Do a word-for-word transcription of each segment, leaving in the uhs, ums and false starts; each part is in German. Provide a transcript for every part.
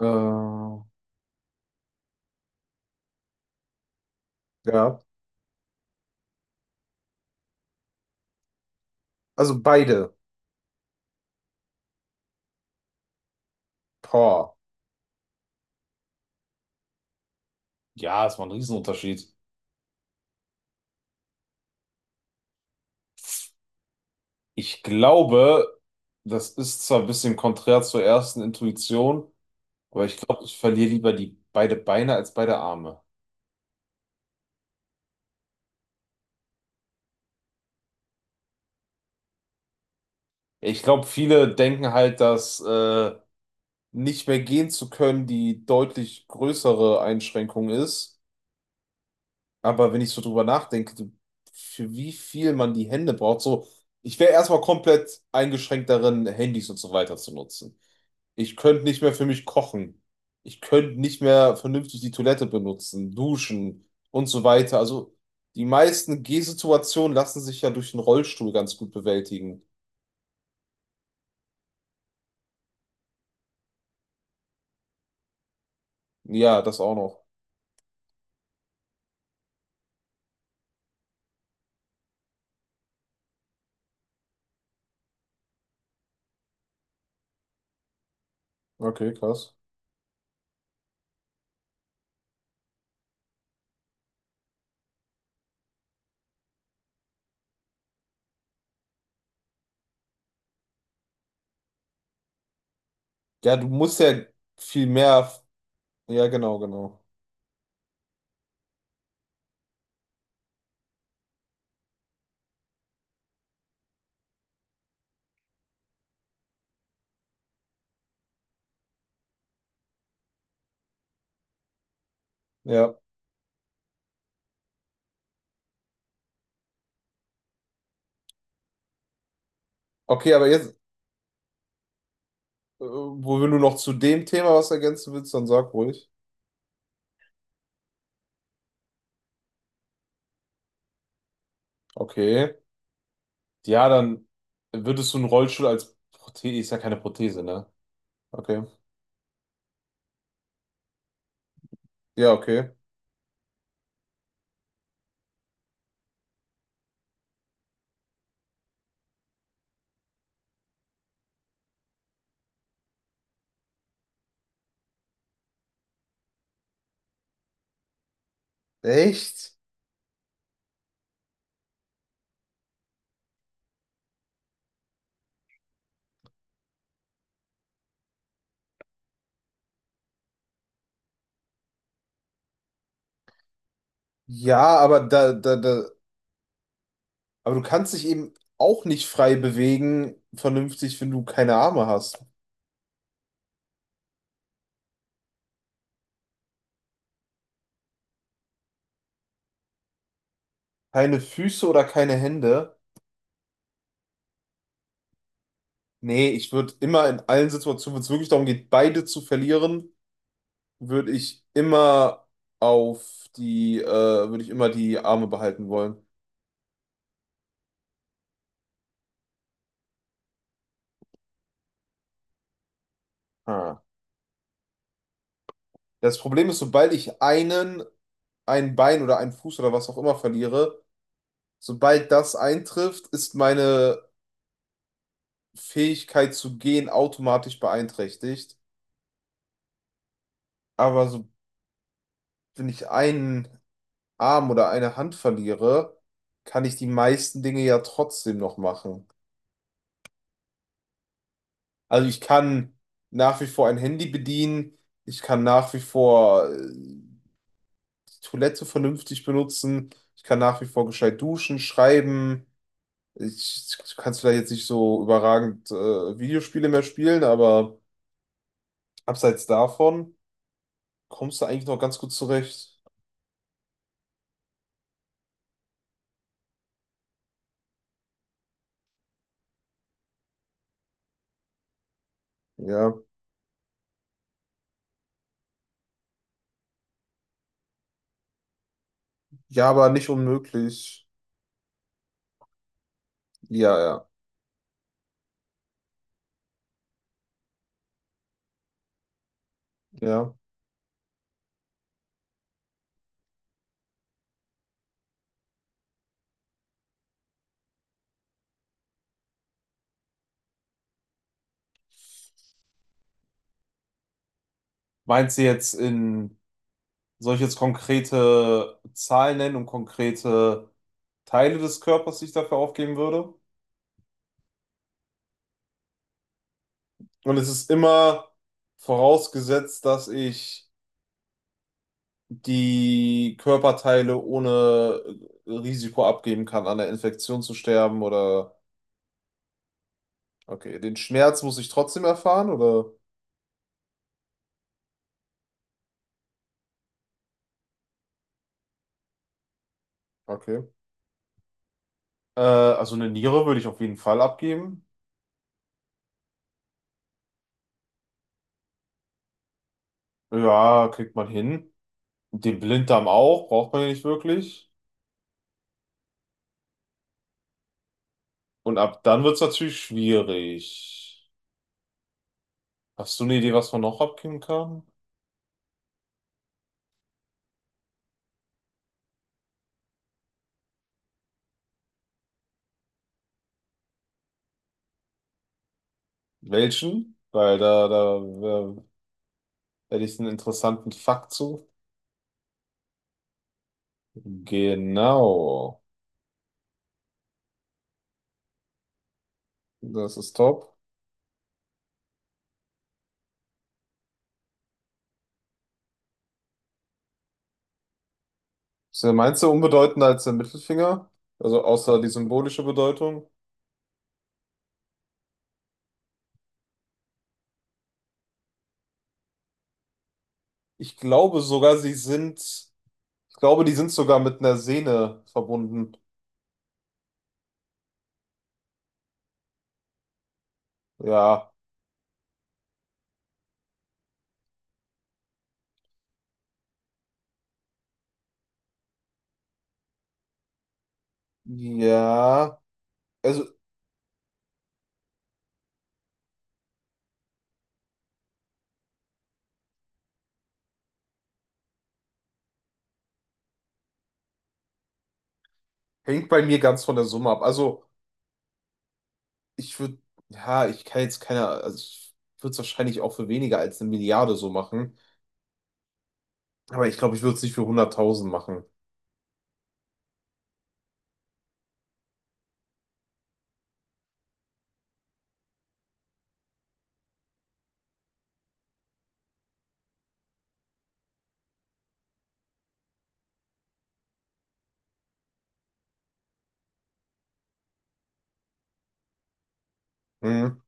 Äh, ja, also beide. Boah. Ja, es war ein Riesenunterschied. Ich glaube, das ist zwar ein bisschen konträr zur ersten Intuition, aber ich glaube, ich verliere lieber die beide Beine als beide Arme. Ich glaube, viele denken halt, dass äh, nicht mehr gehen zu können die deutlich größere Einschränkung ist. Aber wenn ich so drüber nachdenke, du- für wie viel man die Hände braucht, so, ich wäre erstmal komplett eingeschränkt darin, Handys und so weiter zu nutzen. Ich könnte nicht mehr für mich kochen. Ich könnte nicht mehr vernünftig die Toilette benutzen, duschen und so weiter. Also die meisten Gehsituationen lassen sich ja durch den Rollstuhl ganz gut bewältigen. Ja, das auch noch. Okay, krass. Ja, du musst ja viel mehr. Ja, genau, genau. Ja. Okay, aber jetzt, äh, wo wenn du noch zu dem Thema was ergänzen willst, dann sag ruhig. Okay. Ja, dann würdest du einen Rollstuhl als Prothese, ist ja keine Prothese, ne? Okay. Ja, okay. Echt? Ja, aber da, da, da, aber du kannst dich eben auch nicht frei bewegen, vernünftig, wenn du keine Arme hast. Keine Füße oder keine Hände. Nee, ich würde immer in allen Situationen, wenn es wirklich darum geht, beide zu verlieren, würde ich immer auf die, äh, würde ich immer die Arme behalten wollen. Ah. Das Problem ist, sobald ich einen, ein Bein oder einen Fuß oder was auch immer verliere, sobald das eintrifft, ist meine Fähigkeit zu gehen automatisch beeinträchtigt. Aber so, wenn ich einen Arm oder eine Hand verliere, kann ich die meisten Dinge ja trotzdem noch machen. Also ich kann nach wie vor ein Handy bedienen, ich kann nach wie vor äh, die Toilette vernünftig benutzen, ich kann nach wie vor gescheit duschen, schreiben. Ich, ich kann vielleicht jetzt nicht so überragend äh, Videospiele mehr spielen, aber abseits davon kommst du eigentlich noch ganz gut zurecht. Ja. Ja, aber nicht unmöglich. Ja, ja, ja. Meinst du jetzt in, soll ich jetzt konkrete Zahlen nennen und konkrete Teile des Körpers, die ich dafür aufgeben würde? Und es ist immer vorausgesetzt, dass ich die Körperteile ohne Risiko abgeben kann, an der Infektion zu sterben oder, okay, den Schmerz muss ich trotzdem erfahren oder, okay. Äh, also eine Niere würde ich auf jeden Fall abgeben. Ja, kriegt man hin. Den Blinddarm auch, braucht man ja nicht wirklich. Und ab dann wird es natürlich schwierig. Hast du eine Idee, was man noch abgeben kann? Welchen? Weil da, da wär- hätte ich einen interessanten Fakt zu. Genau. Das ist top. Ist der meinst du unbedeutender als der Mittelfinger? Also außer die symbolische Bedeutung? Ich glaube sogar, sie sind, ich glaube, die sind sogar mit einer Sehne verbunden. Ja. Ja. Also hängt bei mir ganz von der Summe ab. Also. Ich würde, ja, ich kann jetzt keine, also ich würde es wahrscheinlich auch für weniger als eine Milliarde so machen. Aber ich glaube, ich würde es nicht für hunderttausend machen. Hm,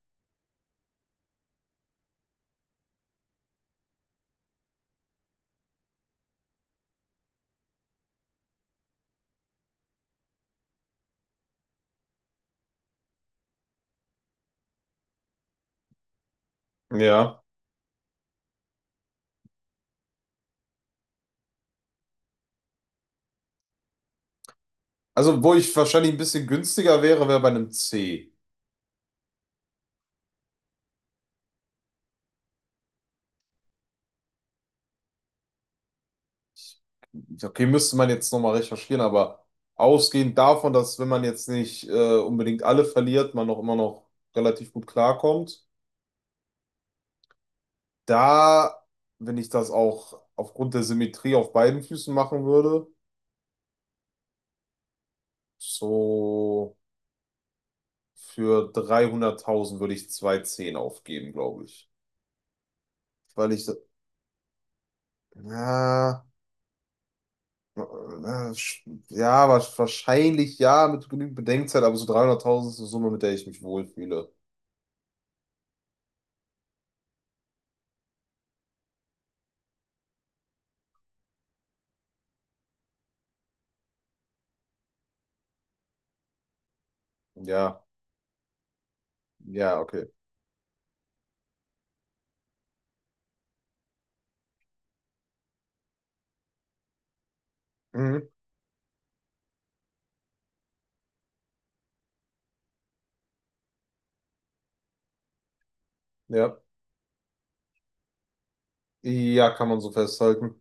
ja. Also, wo ich wahrscheinlich ein bisschen günstiger wäre, wäre bei einem C. Ja, okay, müsste man jetzt nochmal recherchieren, aber ausgehend davon, dass wenn man jetzt nicht äh, unbedingt alle verliert, man noch immer noch relativ gut klarkommt, da, wenn ich das auch aufgrund der Symmetrie auf beiden Füßen machen würde, so. Für dreihunderttausend würde ich zwei Zehn aufgeben, glaube ich. Weil ich, so- na, äh, ja, wa- wahrscheinlich ja, mit genügend Bedenkzeit, aber so dreihunderttausend ist eine Summe, mit der ich mich wohlfühle. Ja, ja, okay. Mhm, ja, ja, kann man so festhalten.